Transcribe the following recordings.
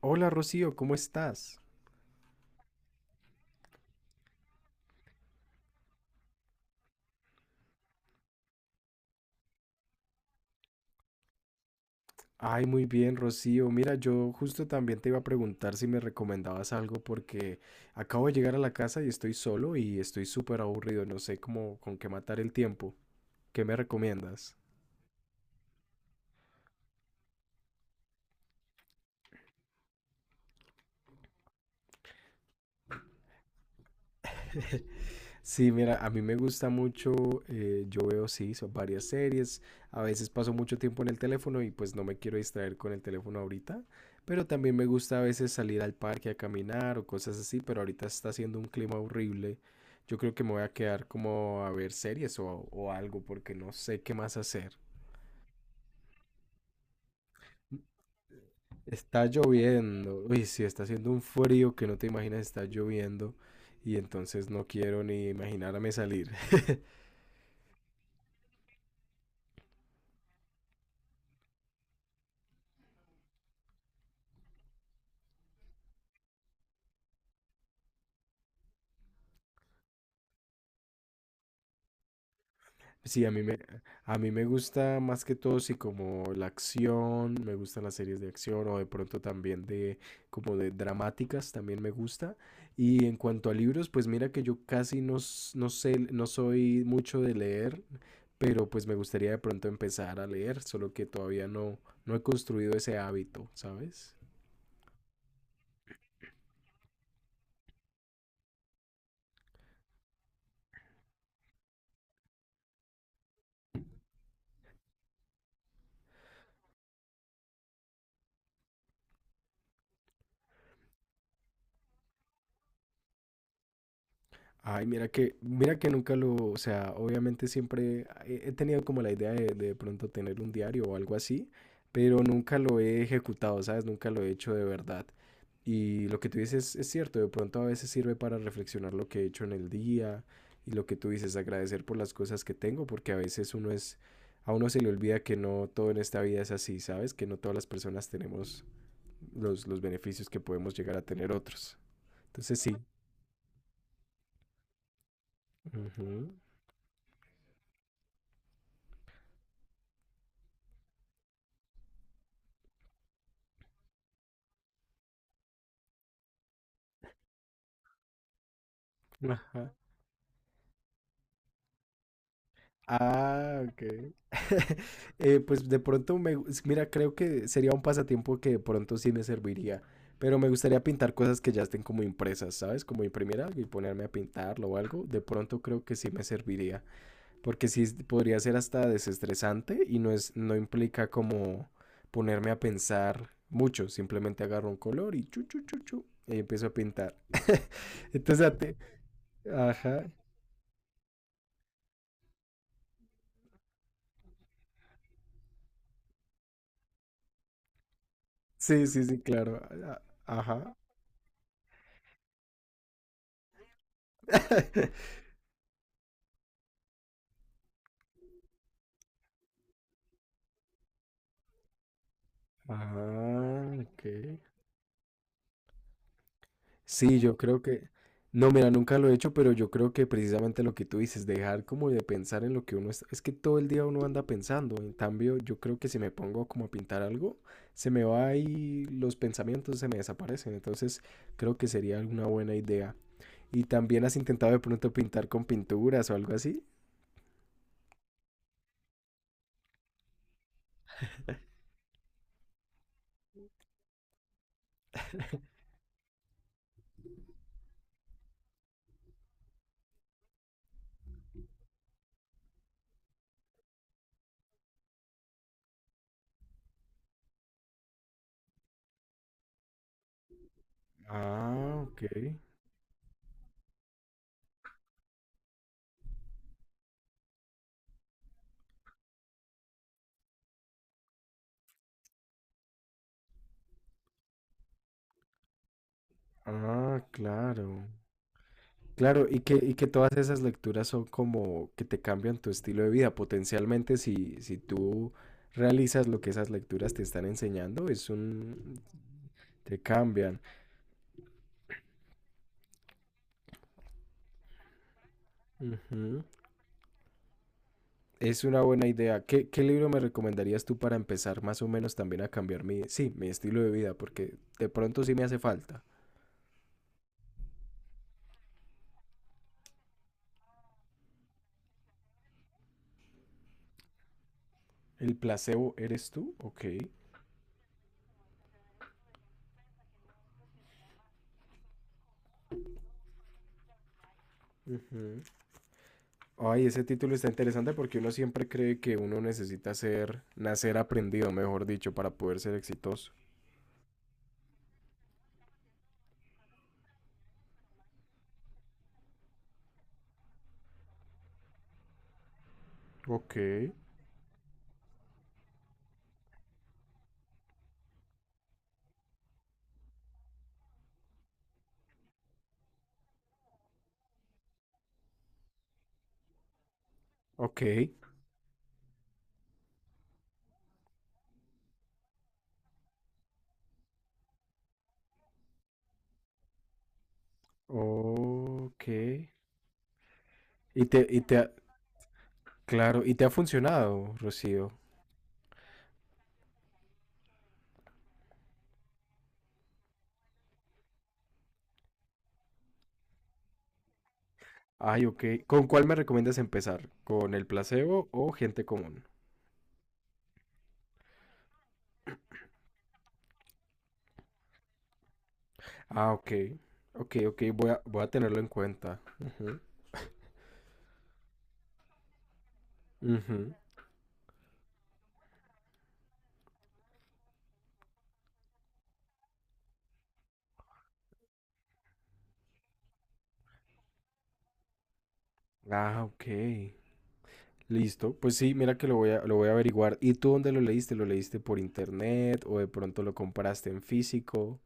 Hola Rocío, ¿cómo estás? Ay, muy bien, Rocío. Mira, yo justo también te iba a preguntar si me recomendabas algo porque acabo de llegar a la casa y estoy solo y estoy súper aburrido, no sé cómo con qué matar el tiempo. ¿Qué me recomiendas? Sí, mira, a mí me gusta mucho, yo veo, sí, son varias series, a veces paso mucho tiempo en el teléfono y pues no me quiero distraer con el teléfono ahorita, pero también me gusta a veces salir al parque a caminar o cosas así, pero ahorita está haciendo un clima horrible, yo creo que me voy a quedar como a ver series o algo porque no sé qué más hacer. Está lloviendo, uy, sí, está haciendo un frío que no te imaginas, está lloviendo y entonces no quiero ni imaginarme salir. Sí, a mí me gusta más que todo, sí, como la acción, me gustan las series de acción o de pronto también de dramáticas, también me gusta. Y en cuanto a libros, pues mira que yo casi no, no sé, no soy mucho de leer, pero pues me gustaría de pronto empezar a leer, solo que todavía no he construido ese hábito, ¿sabes? Ay, mira que nunca lo, o sea, obviamente siempre he tenido como la idea de pronto tener un diario o algo así, pero nunca lo he ejecutado, ¿sabes? Nunca lo he hecho de verdad. Y lo que tú dices es cierto, de pronto a veces sirve para reflexionar lo que he hecho en el día y lo que tú dices, agradecer por las cosas que tengo, porque a uno se le olvida que no todo en esta vida es así, ¿sabes? Que no todas las personas tenemos los beneficios que podemos llegar a tener otros. Entonces sí. Ujú. Ajá. Ah, ok. Pues de pronto, mira, creo que sería un pasatiempo que de pronto sí me serviría, pero me gustaría pintar cosas que ya estén como impresas, ¿sabes? Como imprimir algo y ponerme a pintarlo o algo, de pronto creo que sí me serviría, porque podría ser hasta desestresante y no implica como ponerme a pensar mucho, simplemente agarro un color y chu, chu, chu, chu, y empiezo a pintar. Entonces, a ti- ajá, sí, sí, sí, claro, ajá. Ah, ok. Sí, yo creo que... No, mira, nunca lo he hecho, pero yo creo que precisamente lo que tú dices, dejar como de pensar en lo que uno está... Es que todo el día uno anda pensando. En cambio, yo creo que si me pongo como a pintar algo, se me va ahí los pensamientos, se me desaparecen. Entonces, creo que sería una buena idea. ¿Y también has intentado de pronto pintar con pinturas o algo así? Ah, ok. Ah, claro. Claro, y que todas esas lecturas son como que te cambian tu estilo de vida. Potencialmente, si tú realizas lo que esas lecturas te están enseñando, es un... te cambian. Ujú. Es una buena idea. ¿Qué libro me recomendarías tú para empezar más o menos también a cambiar sí, mi estilo de vida? Porque de pronto sí me hace falta. ¿El placebo eres tú? Ok. Ujú. Ay, ese título está interesante porque uno siempre cree que uno necesita ser, nacer aprendido, mejor dicho, para poder ser exitoso. Ok, ok, ok. Y te, y te ha- claro, y te ha funcionado, Rocío. Ay, ok. ¿Con cuál me recomiendas empezar? ¿Con el placebo o gente común? Ah, ok, ok, ok, voy a tenerlo en cuenta. Ujú, ujú. Ah, ok. Listo. Pues sí, mira que lo voy a averiguar. ¿Y tú dónde lo leíste? ¿Lo leíste por internet o de pronto lo compraste en físico?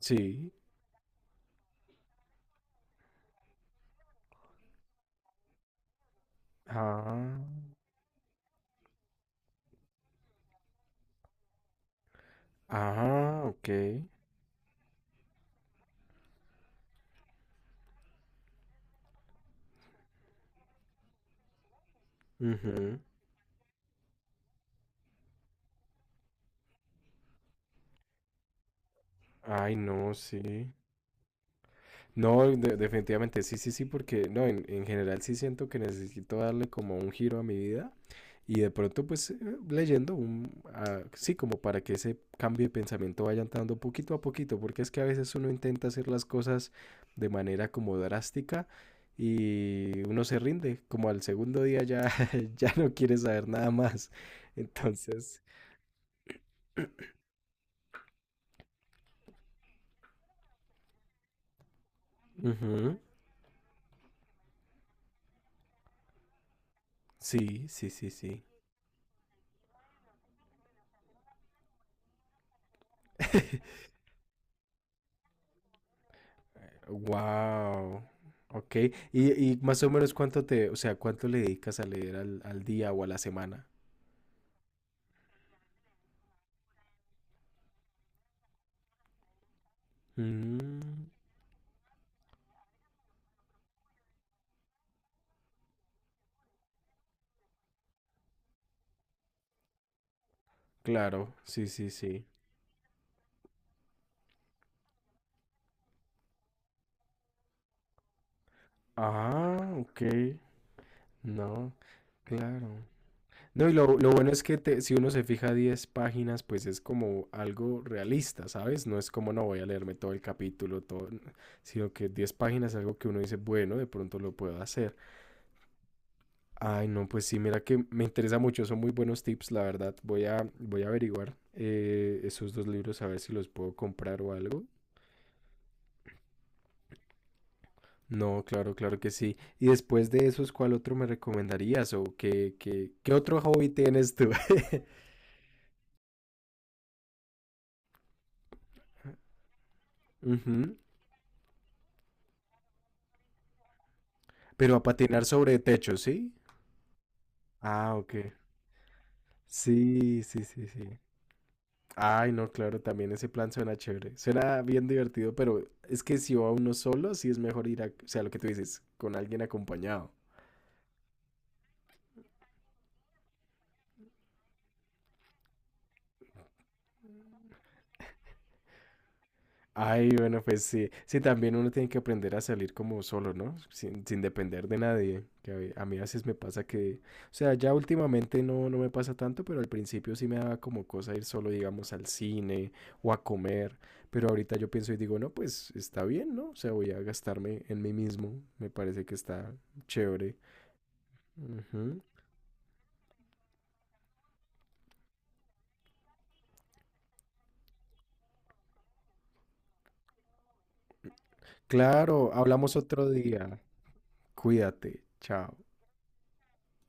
Sí. Ah, ah, ok. Ujú. Ay, no, sí. No, definitivamente, sí, sí, sí, porque no, en general sí siento que necesito darle como un giro a mi vida y de pronto pues leyendo ah, sí, como para que ese cambio de pensamiento vaya entrando poquito a poquito, porque es que a veces uno intenta hacer las cosas de manera como drástica y uno se rinde, como al segundo día ya, ya no quiere saber nada más. Entonces, ujú, sí, sí, sí, sí. Wow. Ok. ¿Y más o menos o sea, cuánto le dedicas a leer al día o a la semana? Mm, claro, sí, sí, sí. Ah, ok. No, claro. No, y lo bueno es que si uno se fija 10 páginas, pues es como algo realista, ¿sabes? No es como no voy a leerme todo el capítulo, todo, sino que 10 páginas es algo que uno dice, bueno, de pronto lo puedo hacer. Ay, no, pues sí, mira que me interesa mucho, son muy buenos tips, la verdad. Voy a averiguar esos dos libros a ver si los puedo comprar o algo. No, claro, claro que sí. Y después de esos, ¿cuál otro me recomendarías? ¿O qué otro hobby tienes tú? Ujú. Pero a patinar sobre techo, ¿sí? Ah, ok. Sí, sí, sí, sí. Ay, no, claro, también ese plan suena chévere. Suena bien divertido, pero es que si va uno solo, sí es mejor ir a, o sea, lo que tú dices, con alguien acompañado. Ay, bueno, pues sí. Sí, también uno tiene que aprender a salir como solo, ¿no? Sin depender de nadie. Que a mí a veces me pasa que, o sea, ya últimamente no, no me pasa tanto, pero al principio sí me daba como cosa ir solo, digamos, al cine o a comer. Pero ahorita yo pienso y digo, no, pues está bien, ¿no? O sea, voy a gastarme en mí mismo. Me parece que está chévere. Ujú. Claro, hablamos otro día. Cuídate. Chao.